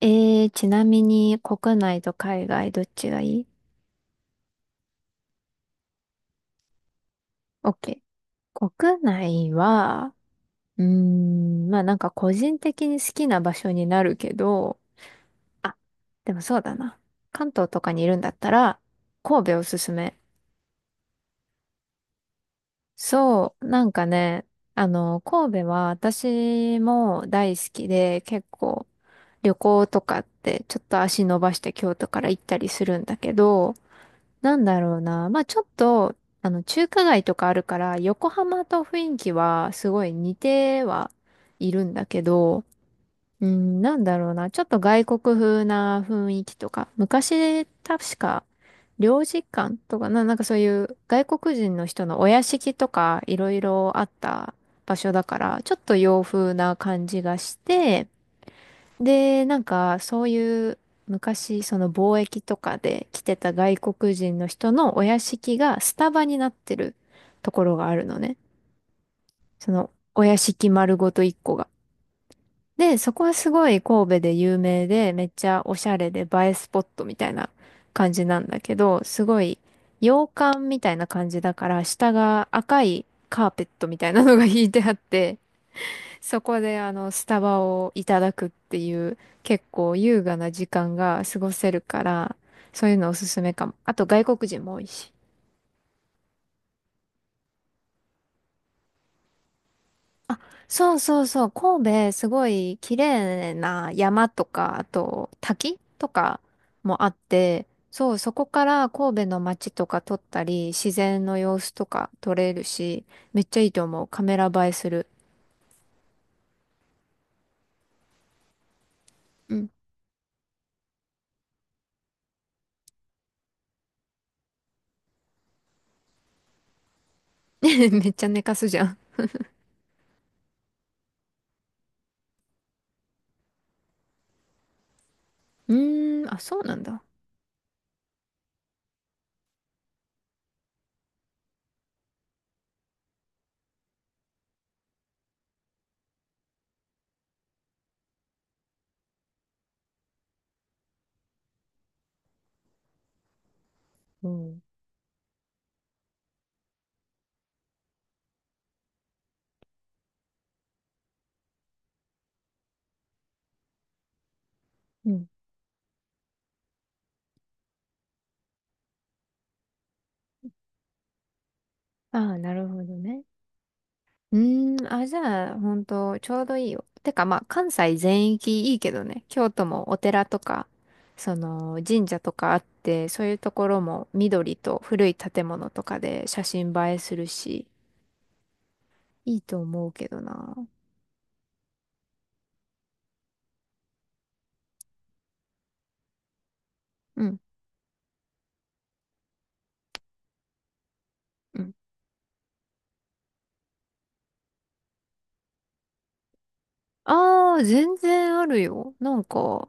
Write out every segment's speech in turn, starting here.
ちなみに国内と海外どっちがいい？ OK。国内は、うーん、まあなんか個人的に好きな場所になるけど、あ、でもそうだな。関東とかにいるんだったら、神戸おすすめ。そう、なんかね、神戸は私も大好きで、結構旅行とかってちょっと足伸ばして京都から行ったりするんだけど、なんだろうな。まあちょっと、中華街とかあるから、横浜と雰囲気はすごい似てはいるんだけど、うん、なんだろうな。ちょっと外国風な雰囲気とか、昔、確か、領事館とかな、なんかそういう外国人の人のお屋敷とかいろいろあった場所だから、ちょっと洋風な感じがして、で、なんか、そういう昔、その貿易とかで来てた外国人の人のお屋敷がスタバになってるところがあるのね。そのお屋敷丸ごと一個が。で、そこはすごい神戸で有名で、めっちゃおしゃれで映えスポットみたいな感じなんだけど、すごい洋館みたいな感じだから、下が赤いカーペットみたいなのが 敷いてあって、そこであのスタバをいただくっていう結構優雅な時間が過ごせるから、そういうのおすすめかも。あと外国人も多いし。あ、そうそうそう、神戸すごい綺麗な山とか、あと滝とかもあって、そう、そこから神戸の街とか撮ったり、自然の様子とか撮れるし、めっちゃいいと思う。カメラ映えする。うん。めっちゃ寝かすじゃん。うーん、あ、そうなんだ。うん。うん、ああ、なるほどね。うーん、あ、じゃあ、ほんと、ちょうどいいよ。てか、まあ、関西全域いいけどね。京都もお寺とか、その、神社とかあって、そういうところも緑と古い建物とかで写真映えするし、いいと思うけどな。うん、うん。ああ、全然あるよ。なんか、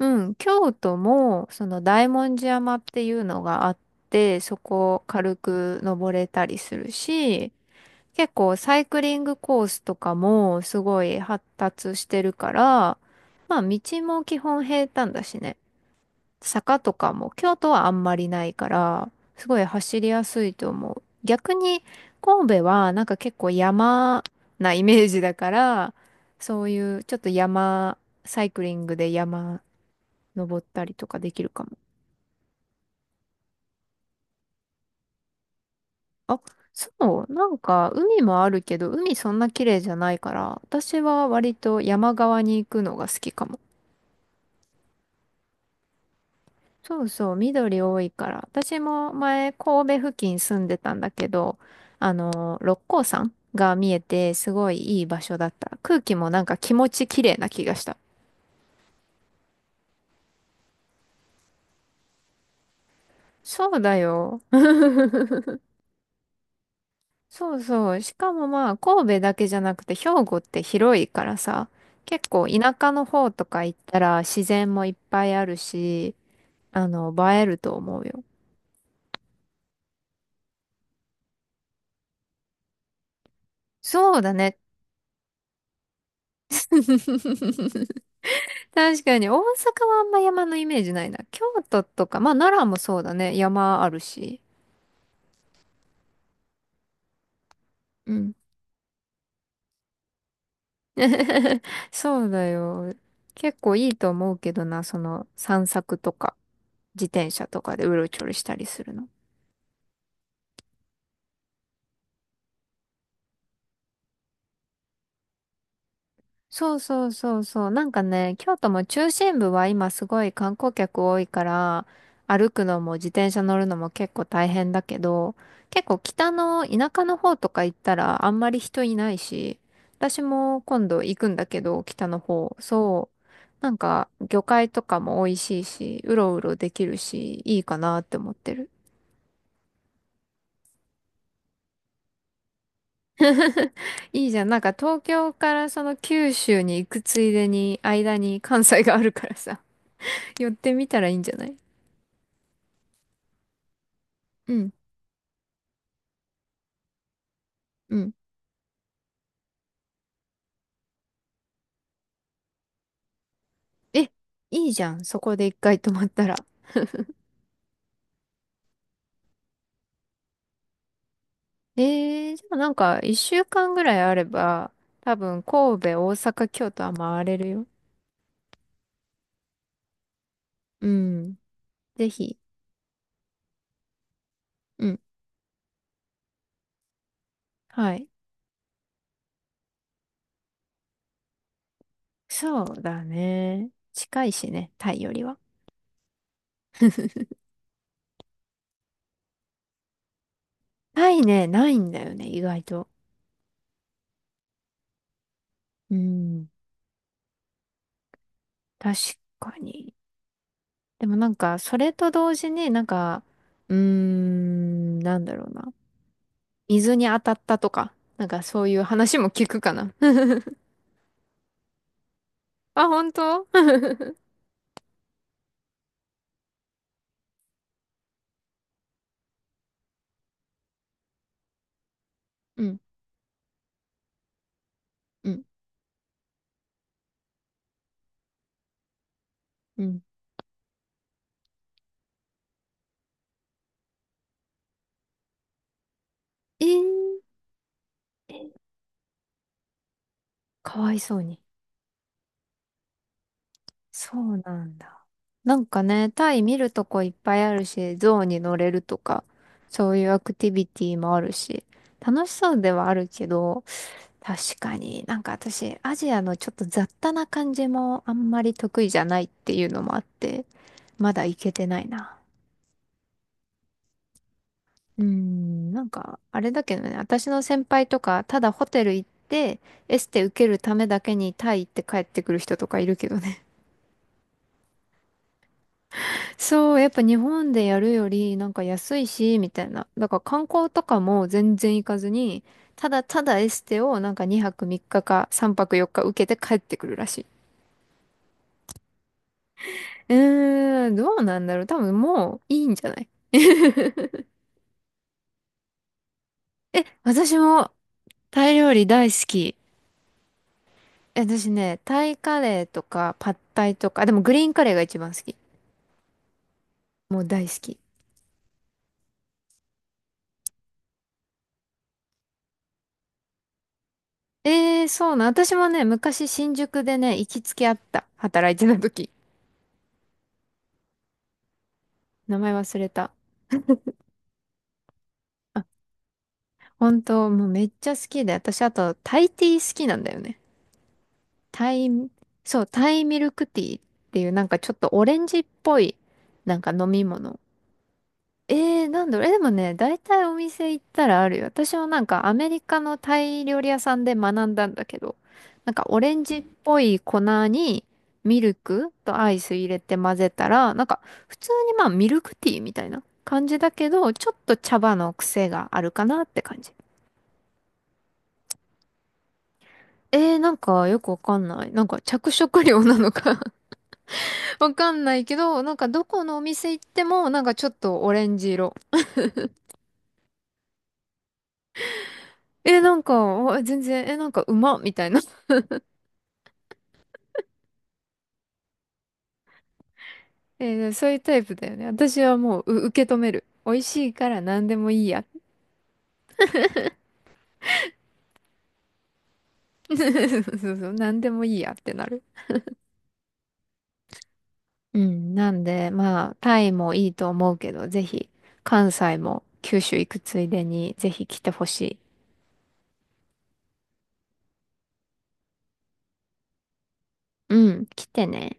うん、京都も、その、大文字山っていうのがあって、そこを軽く登れたりするし、結構サイクリングコースとかもすごい発達してるから、まあ道も基本平坦だしね。坂とかも京都はあんまりないから、すごい走りやすいと思う。逆に神戸はなんか結構山なイメージだから、そういうちょっと山、サイクリングで山登ったりとかできるかも。あ、そう、なんか海もあるけど、海そんな綺麗じゃないから、私は割と山側に行くのが好きかも。そうそう、緑多いから。私も前、神戸付近住んでたんだけど、六甲山が見えて、すごいいい場所だった。空気もなんか気持ち綺麗な気がした。そうだよ。そうそう。しかもまあ、神戸だけじゃなくて、兵庫って広いからさ、結構田舎の方とか行ったら自然もいっぱいあるし、映えると思うよ。そうだね。確かに、大阪はあんま山のイメージないな。京都とか、まあ奈良もそうだね。山あるし。うん。そうだよ。結構いいと思うけどな、その散策とか、自転車とかでうろちょろしたりするの。そうそうそうそう。なんかね、京都も中心部は今すごい観光客多いから、歩くのも自転車乗るのも結構大変だけど、結構北の田舎の方とか行ったらあんまり人いないし、私も今度行くんだけど、北の方、そう。なんか魚介とかも美味しいし、うろうろできるし、いいかなって思ってる。いいじゃん。なんか東京からその九州に行くついでに、間に関西があるからさ、寄ってみたらいいんじゃない？うん。うん。え、いいじゃん。そこで一回泊まったら。じゃあなんか一週間ぐらいあれば、多分神戸、大阪、京都は回れるよ。うん。ぜひ。うん。はい。そうだね。近いしね、タイよりは。タイね、ないんだよね、意外と。うん。確かに。でもなんか、それと同時になんか、うーん、なんだろうな。水に当たったとか、なんかそういう話も聞くかな。あ、本当？うんうん、うん。えー、かわいそうに。そうなんだ。なんかね、タイ見るとこいっぱいあるし、象に乗れるとか、そういうアクティビティもあるし、楽しそうではあるけど、確かになんか私、アジアのちょっと雑多な感じもあんまり得意じゃないっていうのもあって、まだ行けてないな。うーん、なんか、あれだけどね、私の先輩とか、ただホテル行って、エステ受けるためだけにタイ行って帰ってくる人とかいるけどね。そう、やっぱ日本でやるよりなんか安いし、みたいな。だから観光とかも全然行かずに、ただただエステをなんか2泊3日か3泊4日受けて帰ってくるらしい。うーん、どうなんだろう。多分もういいんじゃない？ え、私もタイ料理大好き。え私ね、タイカレーとかパッタイとか、あでもグリーンカレーが一番好き。もう大好き。えー、そうなん。私もね、昔新宿でね、行きつけあった。働いてた時。名前忘れた。本当、もうめっちゃ好きで、私あとタイティー好きなんだよね。タイ、そう、タイミルクティーっていうなんかちょっとオレンジっぽいなんか飲み物。えー、なんだろう、え、でもね、大体お店行ったらあるよ。私もなんかアメリカのタイ料理屋さんで学んだんだけど、なんかオレンジっぽい粉にミルクとアイス入れて混ぜたら、なんか普通にまあミルクティーみたいな感じだけど、ちょっと茶葉の癖があるかなって感じ。えー、なんかよくわかんない。なんか着色料なのか わかんないけど、なんかどこのお店行っても、なんかちょっとオレンジ色。えー、なんか、あ全然、えー、なんかうまっみたいな えー、そういうタイプだよね。私はもう、受け止める。美味しいから何でもいいや。そうそう、何でもいいやってなる。うん、なんで、まあ、タイもいいと思うけど、ぜひ、関西も九州行くついでに、ぜひ来てほしい。うん、来てね。